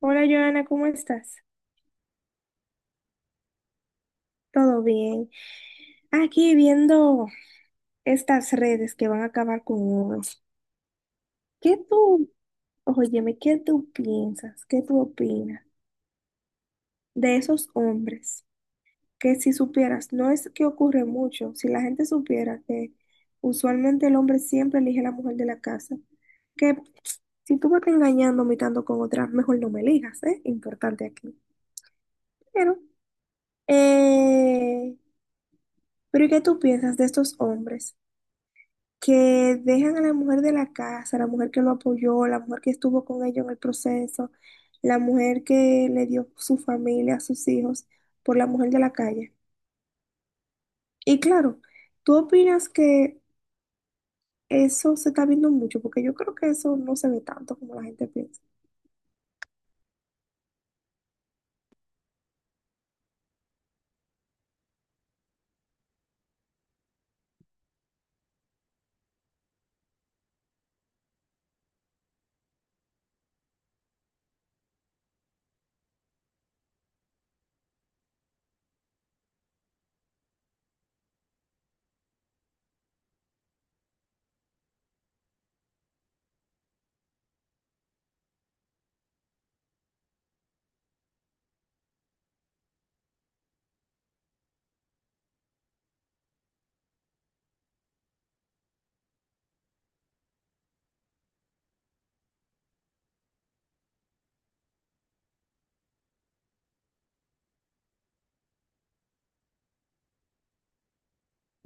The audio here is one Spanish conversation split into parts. Hola, Joana, ¿cómo estás? ¿Todo bien? Aquí viendo estas redes que van a acabar con uno. ¿Qué tú, óyeme, qué tú piensas, qué tú opinas de esos hombres que si supieras, no es que ocurre mucho, si la gente supiera que usualmente el hombre siempre elige a la mujer de la casa, que si tú me estás engañando, mitando con otras, mejor no me elijas, ¿eh? Importante aquí. Pero, eh, pero ¿y qué tú piensas de estos hombres que dejan a la mujer de la casa, la mujer que lo apoyó, la mujer que estuvo con ellos en el proceso, la mujer que le dio su familia, sus hijos, por la mujer de la calle? Y claro, ¿tú opinas que eso se está viendo mucho? Porque yo creo que eso no se ve tanto como la gente piensa.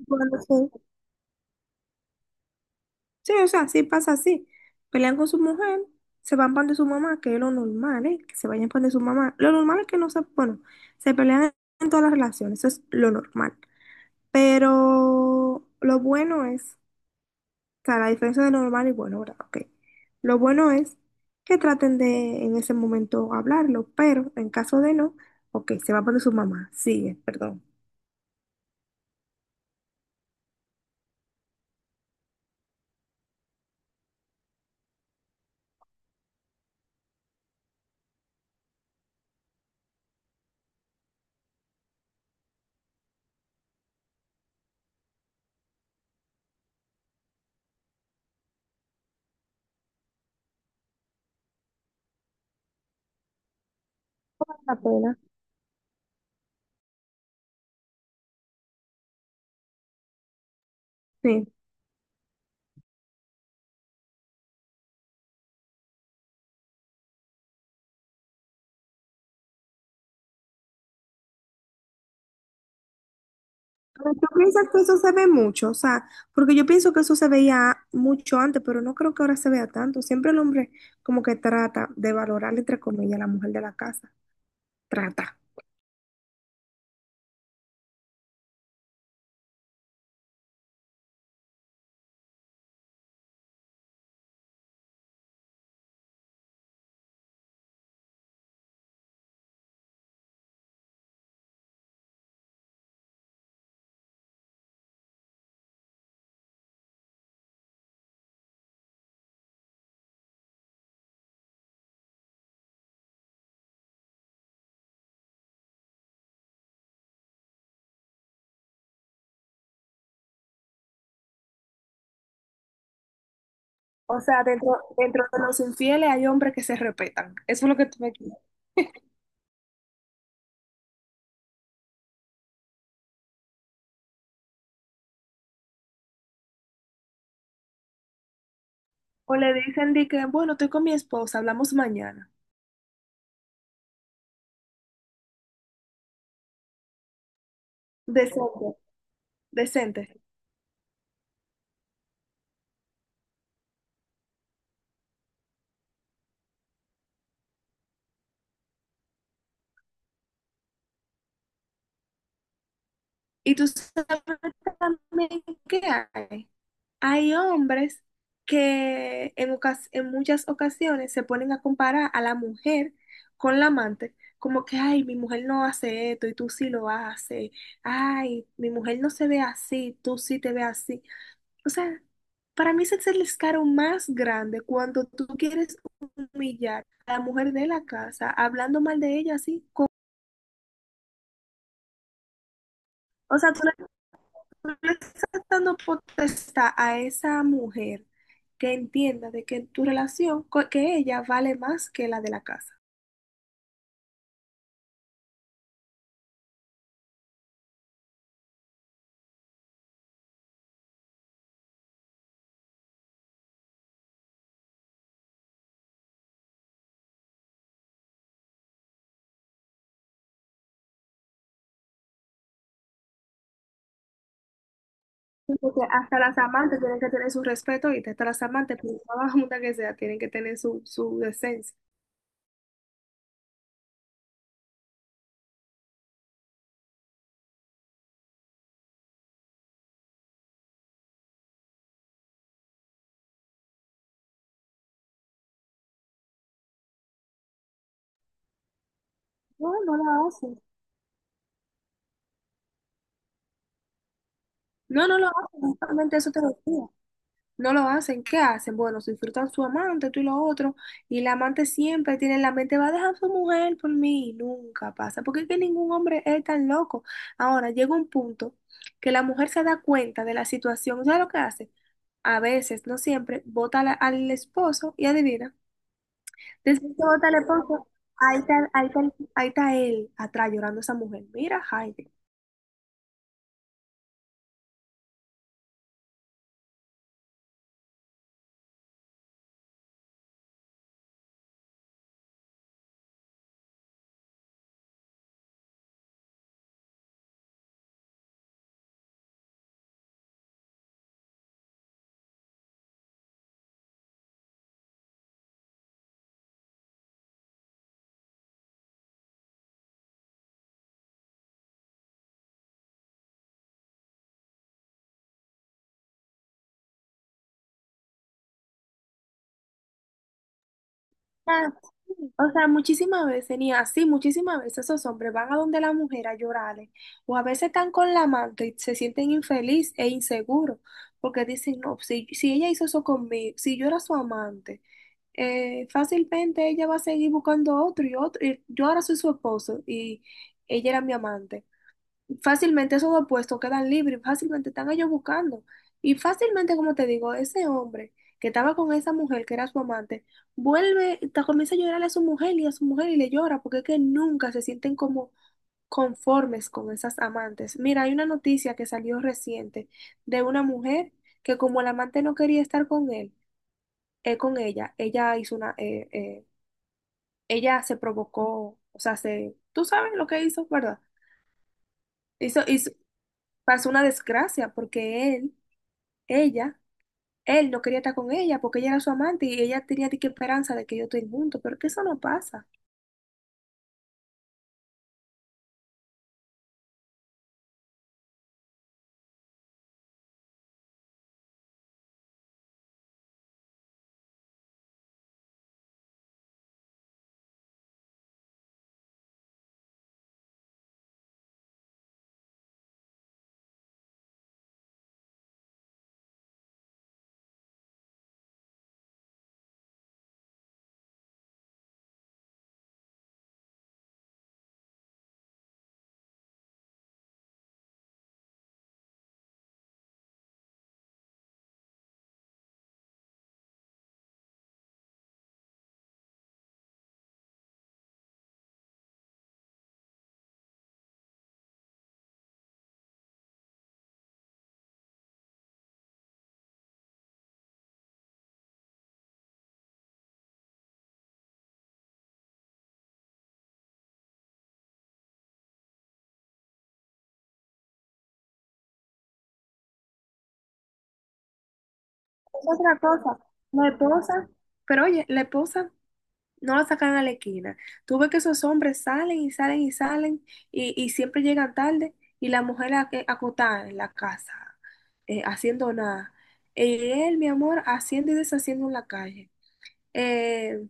Bueno, sí. Sí, o sea, sí pasa así. Pelean con su mujer, se van pan de su mamá, que es lo normal, ¿eh? Que se vayan pan de su mamá. Lo normal es que no se, bueno, se pelean en todas las relaciones, eso es lo normal. Pero lo bueno es, o sea, la diferencia de lo normal y bueno, ¿verdad? Ok. Lo bueno es que traten de en ese momento hablarlo, pero en caso de no, ok, se va por su mamá. Sigue, perdón. La pena. Sí. Pero ¿tú piensas que eso se ve mucho? O sea, porque yo pienso que eso se veía mucho antes, pero no creo que ahora se vea tanto. Siempre el hombre como que trata de valorar, entre comillas, a la mujer de la casa. Trata. O sea, dentro de los infieles hay hombres que se respetan. Eso es lo que tú me dices. O le dicen de que, bueno, estoy con mi esposa, hablamos mañana. Decente, decente. ¿Y tú sabes qué hay? Hay hombres que en, ocas- en muchas ocasiones se ponen a comparar a la mujer con la amante, como que, ay, mi mujer no hace esto y tú sí lo haces, ay, mi mujer no se ve así, tú sí te ves así. O sea, para mí ese es el escaro más grande cuando tú quieres humillar a la mujer de la casa, hablando mal de ella así. O sea, tú le estás dando potestad a esa mujer que entienda de que tu relación, co- que ella vale más que la de la casa. Sí. Porque hasta las amantes tienen que tener su respeto y hasta las amantes, por más junta que sea, tienen que tener su, su decencia. No, no la hacen. No, no lo hacen. Justamente eso te lo decía. No lo hacen, ¿qué hacen? Bueno, se disfrutan su amante, tú y lo otro, y la amante siempre tiene en la mente, va a dejar a su mujer por mí, y nunca pasa, porque es que ningún hombre es tan loco. Ahora, llega un punto que la mujer se da cuenta de la situación, ¿sabes lo que hace? A veces, no siempre, vota a la- al esposo y adivina. Después que vota al esposo, ahí está, ahí está, ahí está él atrás llorando a esa mujer. Mira, Jaime. Ah. O sea, muchísimas veces, ni así, muchísimas veces esos hombres van a donde la mujer a llorarle, o a veces están con la amante y se sienten infeliz e inseguros, porque dicen, no, si, si ella hizo eso conmigo, si yo era su amante, fácilmente ella va a seguir buscando otro y otro, y yo ahora soy su esposo y ella era mi amante. Fácilmente esos dos puestos quedan libres, fácilmente están ellos buscando. Y fácilmente, como te digo, ese hombre que estaba con esa mujer que era su amante, vuelve, ta- comienza a llorarle a su mujer y a su mujer y le llora, porque es que nunca se sienten como conformes con esas amantes. Mira, hay una noticia que salió reciente de una mujer que como el amante no quería estar con él, con ella, ella hizo una, ella se provocó, o sea, se, tú sabes lo que hizo, ¿verdad? Hizo, pasó una desgracia porque él, ella, él no quería estar con ella porque ella era su amante y ella tenía de que esperanza de que yo estén juntos, pero que eso no pasa. Es otra cosa. La esposa, pero oye, la esposa no la sacan a la esquina. Tú ves que esos hombres salen y salen y salen y siempre llegan tarde y la mujer a- acotada en la casa, haciendo nada. Y él, mi amor, haciendo y deshaciendo en la calle. eh,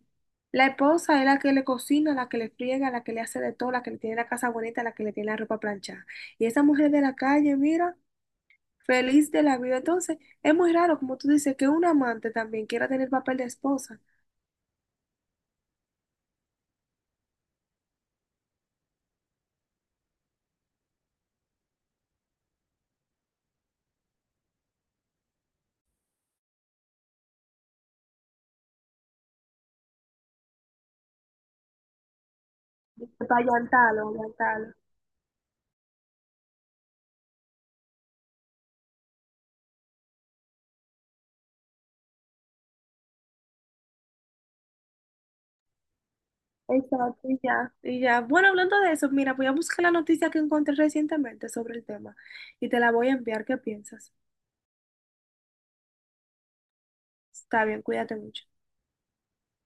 la esposa es la que le cocina, la que le friega, la que le hace de todo, la que le tiene la casa bonita, la que le tiene la ropa planchada. Y esa mujer de la calle, mira, feliz de la vida. Entonces, es muy raro, como tú dices, que un amante también quiera tener papel de esposa. Para allantarlo, allantarlo. Exacto, y ya, y ya. Bueno, hablando de eso, mira, voy a buscar la noticia que encontré recientemente sobre el tema y te la voy a enviar. ¿Qué piensas? Está bien, cuídate mucho.